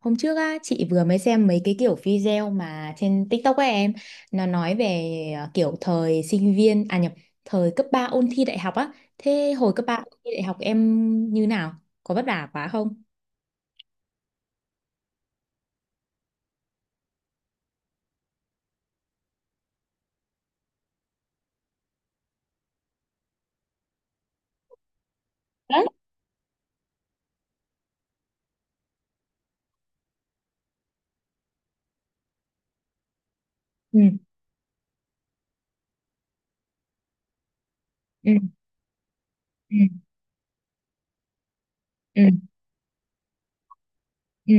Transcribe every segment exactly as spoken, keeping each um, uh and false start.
Hôm trước á, chị vừa mới xem mấy cái kiểu video mà trên TikTok của em nó nói về, ờ, kiểu thời sinh viên à nhập thời cấp ba ôn thi đại học á. Thế hồi cấp ba ôn thi đại học em như nào? Có vất vả quá không? Đấy. Ừ, ừ, ừ, ừ, ừ.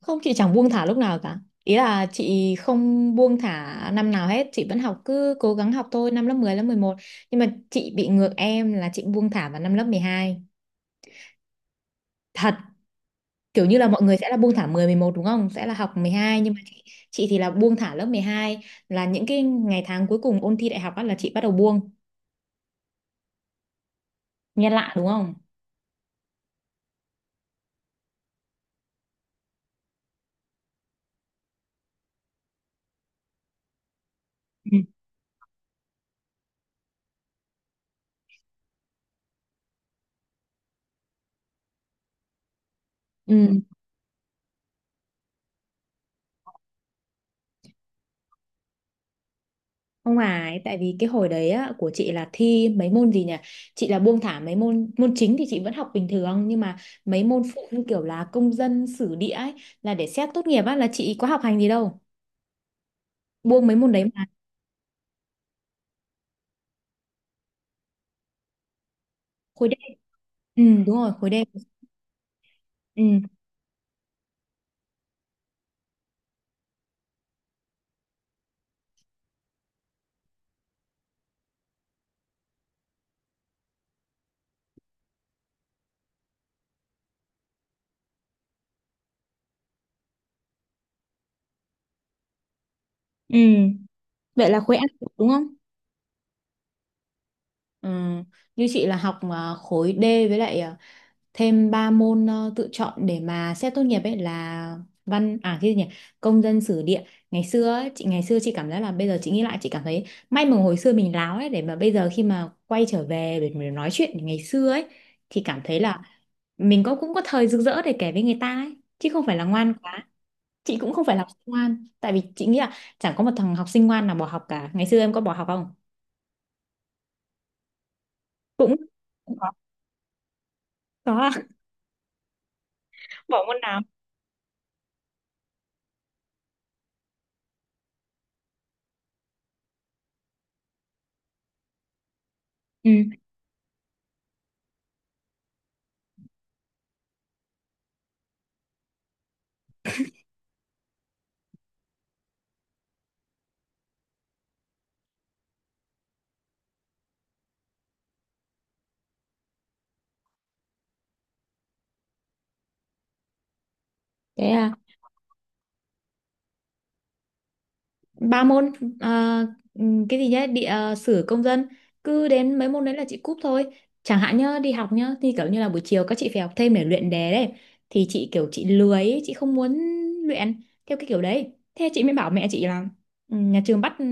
Không, chị chẳng buông thả lúc nào cả. Ý là chị không buông thả năm nào hết, chị vẫn học, cứ cố gắng học thôi, năm lớp mười lớp mười một. Nhưng mà chị bị ngược em, là chị buông thả vào năm lớp mười hai. Thật. Kiểu như là mọi người sẽ là buông thả mười mười một đúng không? Sẽ là học mười hai, nhưng mà chị chị thì là buông thả lớp mười hai, là những cái ngày tháng cuối cùng ôn thi đại học á là chị bắt đầu buông. Nghe lạ đúng không? Ừ. Ừ, không phải. Tại vì cái hồi đấy á, của chị là thi mấy môn gì nhỉ? Chị là buông thả mấy môn, môn chính thì chị vẫn học bình thường, nhưng mà mấy môn phụ như kiểu là công dân sử địa ấy là để xét tốt nghiệp á là chị có học hành gì đâu. Buông mấy môn đấy mà. Khối D. Ừ, đúng rồi, khối D. Ừ. Ừ. Vậy là khối A đúng không? Ừ. Như chị là học à, khối D, với lại à, thêm ba môn, ờ, tự chọn để mà xét tốt nghiệp ấy, là văn à, cái gì nhỉ, công dân sử địa. Ngày xưa ấy, chị ngày xưa chị cảm giác là bây giờ chị nghĩ lại chị cảm thấy may mà hồi xưa mình láo ấy, để mà bây giờ khi mà quay trở về để mà nói chuyện ngày xưa ấy thì cảm thấy là mình có, cũng có thời rực rỡ để kể với người ta ấy, chứ không phải là ngoan quá. Chị cũng không phải là học sinh ngoan, tại vì chị nghĩ là chẳng có một thằng học sinh ngoan nào bỏ học cả. Ngày xưa em có bỏ học không? Cũng, cũng có, có. Bỏ môn nào? Ừ, thế à, ba môn, à, ừ, cái gì nhá, địa, ờ, sử, công dân. Cứ đến mấy môn đấy là chị cúp thôi. Chẳng hạn nhá, đi học nhá thì kiểu như là buổi chiều các chị phải học thêm để luyện đề đấy. Thì chị kiểu chị lười ấy, chị không muốn luyện theo cái kiểu đấy. Thế chị mới bảo mẹ chị là ừ, nhà trường bắt ừ,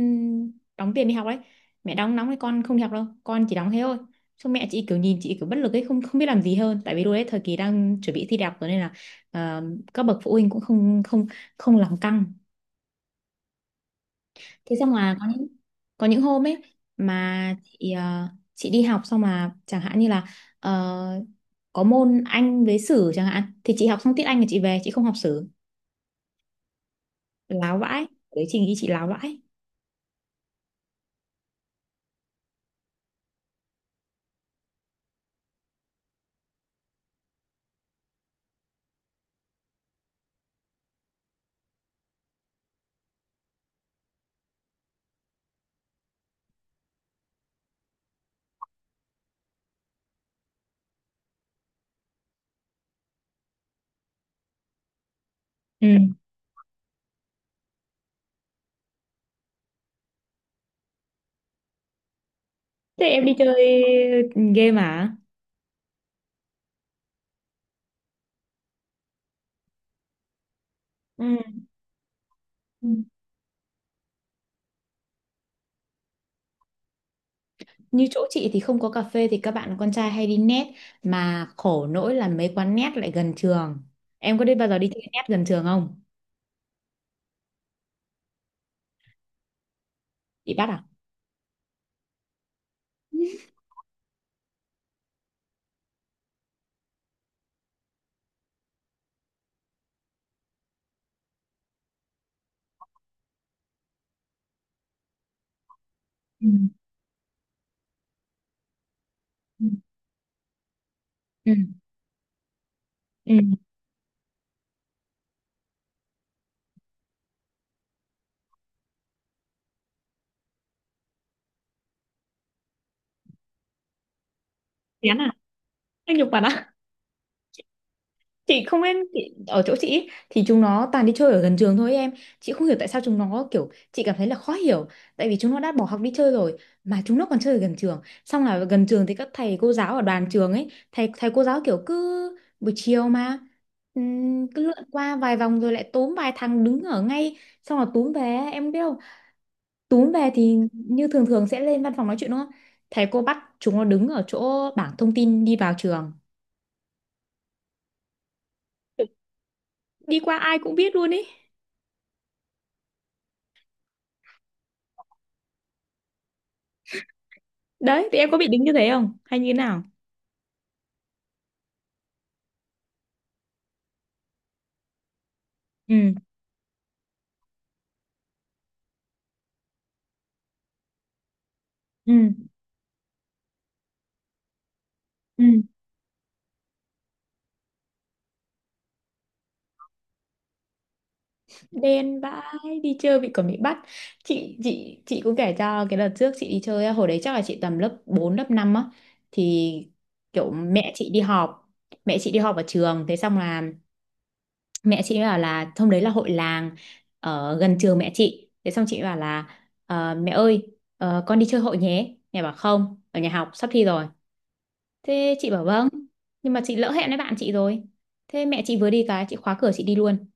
đóng tiền đi học đấy. Mẹ đóng nóng thì con không đi học đâu, con chỉ đóng thế thôi. Xong mẹ chị kiểu nhìn chị kiểu bất lực ấy, không, không biết làm gì hơn. Tại vì lúc đấy thời kỳ đang chuẩn bị thi đại học rồi nên là, ờ, các bậc phụ huynh cũng không, không không làm căng. Thế xong là có những, có những hôm ấy mà chị, ờ, chị đi học xong mà chẳng hạn như là, ờ, có môn Anh với sử chẳng hạn, thì chị học xong tiết Anh thì chị về chị không học sử. Láo vãi. Đấy, chị nghĩ chị láo vãi. Ừ. Thế em đi chơi game à? Ừ. Ừ. Như chỗ chị thì không có cà phê thì các bạn con trai hay đi net, mà khổ nỗi là mấy quán net lại gần trường. Em có đi bao giờ đi chơi net gần trường không? Bị bắt à? Ừ. Ừ. Ừ. Ừ. Chán à? Anh nhục bạn à? Chị không biết, chị ở chỗ chị ý, thì chúng nó toàn đi chơi ở gần trường thôi em. Chị không hiểu tại sao chúng nó, kiểu chị cảm thấy là khó hiểu, tại vì chúng nó đã bỏ học đi chơi rồi mà chúng nó còn chơi ở gần trường. Xong là gần trường thì các thầy cô giáo ở đoàn trường ấy, thầy thầy cô giáo kiểu cứ buổi chiều mà, ừm, cứ lượn qua vài vòng rồi lại túm vài thằng đứng ở ngay, xong là túm về. Em biết không, túm về thì như thường thường sẽ lên văn phòng nói chuyện đúng không, thầy cô bắt chúng nó đứng ở chỗ bảng thông tin đi vào trường, đi qua ai cũng biết luôn ý. Đấy, thì em có bị đính như thế không? Hay như thế nào? Ừ. Ừ. Ừ. Đen vãi, đi chơi bị, còn bị bắt. Chị chị chị cũng kể cho, cái đợt trước chị đi chơi á, hồi đấy chắc là chị tầm lớp bốn lớp năm á, thì kiểu mẹ chị đi họp, mẹ chị đi họp ở trường. Thế xong là mẹ chị bảo là hôm đấy là hội làng ở gần trường mẹ chị. Thế xong chị bảo là: "Ờ, Mẹ ơi, ờ, con đi chơi hội nhé." Mẹ bảo: "Không, ở nhà học sắp thi rồi." Thế chị bảo: "Vâng, nhưng mà chị lỡ hẹn với bạn chị rồi." Thế mẹ chị vừa đi cái chị khóa cửa chị đi luôn.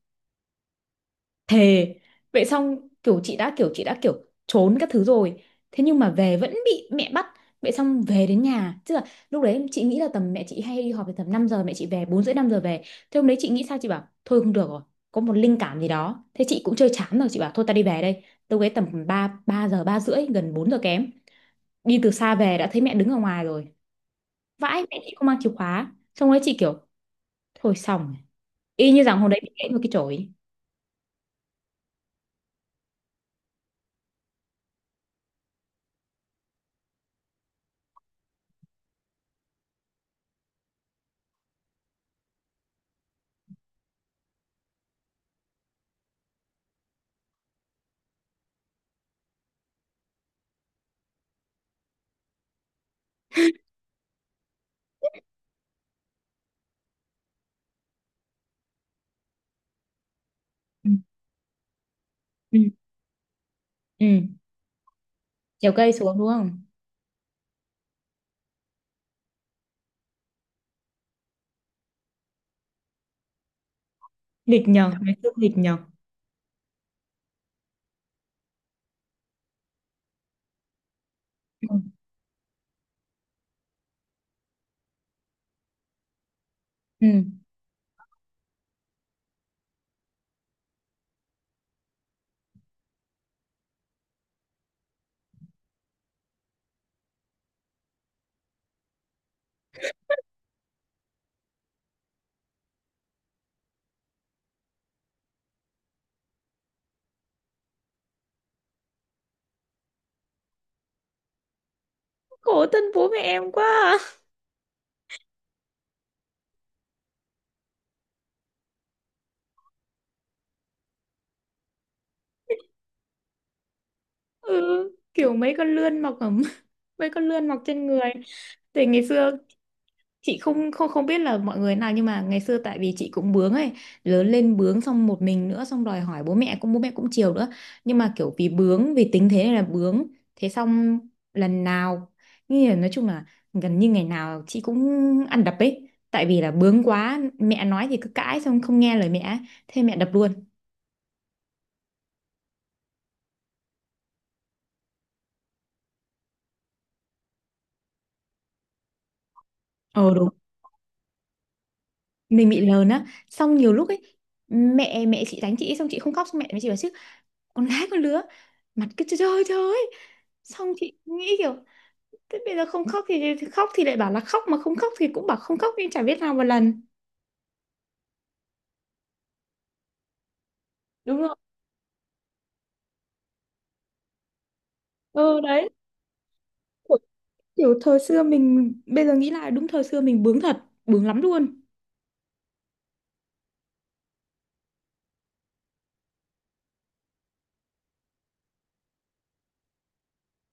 Thề. Vậy xong kiểu chị đã kiểu chị đã kiểu trốn các thứ rồi. Thế nhưng mà về vẫn bị mẹ bắt. Vậy xong về đến nhà, tức là lúc đấy chị nghĩ là tầm mẹ chị hay đi họp về tầm năm giờ, mẹ chị về bốn rưỡi năm giờ về. Thế hôm đấy chị nghĩ sao chị bảo thôi không được rồi, có một linh cảm gì đó. Thế chị cũng chơi chán rồi chị bảo thôi ta đi về đây. Lúc đấy tầm ba ba giờ ba rưỡi gần bốn giờ kém. Đi từ xa về đã thấy mẹ đứng ở ngoài rồi. Vãi, mẹ chị không mang chìa khóa. Xong đấy chị kiểu thôi xong rồi. Y như rằng hôm đấy bị gãy một cái chổi. Ừ. Ừ. Ừ. Trèo cây xuống đúng không? Nghịch nhờ, ngày xưa nghịch nhờ. Ừ. Ừ. Khổ thân bố mẹ em quá à. Ừ. Kiểu mấy con lươn mọc ở mấy con lươn mọc trên người. Thì ngày xưa chị không, không không biết là mọi người nào, nhưng mà ngày xưa tại vì chị cũng bướng ấy, lớn lên bướng, xong một mình nữa, xong đòi hỏi bố mẹ cũng, bố mẹ cũng chiều nữa, nhưng mà kiểu vì bướng, vì tính thế này là bướng. Thế xong lần nào, như là nói chung là, gần như ngày nào chị cũng ăn đập ấy, tại vì là bướng quá, mẹ nói thì cứ cãi xong không nghe lời mẹ ấy. Thế mẹ đập luôn. Ờ đúng. Mình bị lờn á, xong nhiều lúc ấy mẹ mẹ chị đánh chị xong chị không khóc, xong mẹ mới chị bảo chứ: "Con gái con lứa, mặt cứ trời trời trời." Xong chị nghĩ kiểu thế bây giờ không khóc thì, thì khóc thì lại bảo là khóc, mà không khóc thì cũng bảo không khóc, nhưng chả biết nào một lần. Đúng rồi. Ừ đấy. Ủa, kiểu thời xưa mình bây giờ nghĩ lại đúng thời xưa mình bướng thật, bướng lắm luôn.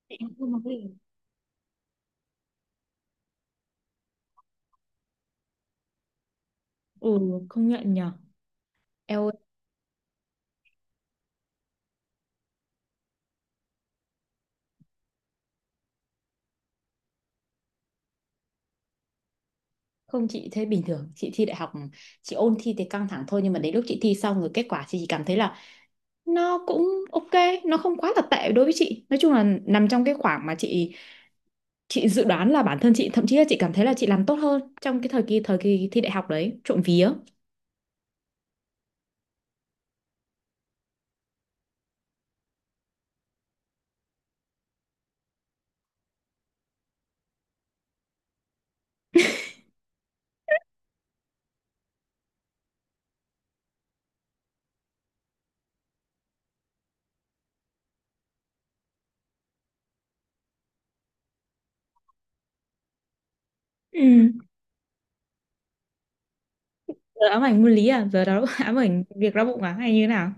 Chị không có gì. Ừ, không nhận nhở. Eo ơi. Không, chị thấy bình thường chị thi đại học. Chị ôn thi thì căng thẳng thôi, nhưng mà đến lúc chị thi xong rồi kết quả chị chỉ cảm thấy là nó cũng ok, nó không quá là tệ đối với chị, nói chung là nằm trong cái khoảng mà chị chị dự đoán là bản thân chị, thậm chí là chị cảm thấy là chị làm tốt hơn trong cái thời kỳ thời kỳ thi đại học đấy, trộm vía. Ừ. Giờ ám ảnh môn lý à? Giờ đó ám ảnh việc đau bụng à hay như thế nào?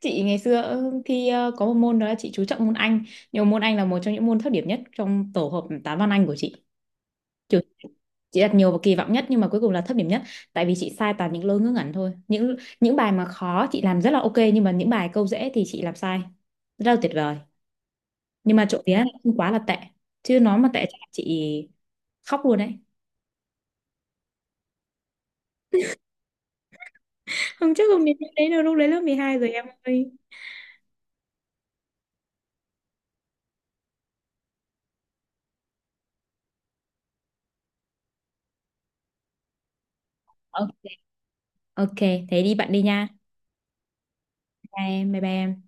Chị ngày xưa, ờ, thi, ờ, có một môn đó là chị chú trọng môn Anh, nhưng mà môn Anh là một trong những môn thấp điểm nhất trong tổ hợp toán văn Anh của chị. Kiểu chị đặt nhiều và kỳ vọng nhất nhưng mà cuối cùng là thấp điểm nhất, tại vì chị sai toàn những lỗi ngớ ngẩn thôi. Những, những bài mà khó chị làm rất là ok, nhưng mà những bài câu dễ thì chị làm sai rất là tuyệt vời. Nhưng mà trộm vía là không quá là tệ, chứ nó mà tệ chắc là chị khóc luôn đấy. Không chắc không đến lúc đấy đâu, lúc đấy lớp mười hai rồi em ơi. Ok. Ok. Thế đi bạn đi nha. Bye em. Bye bye em.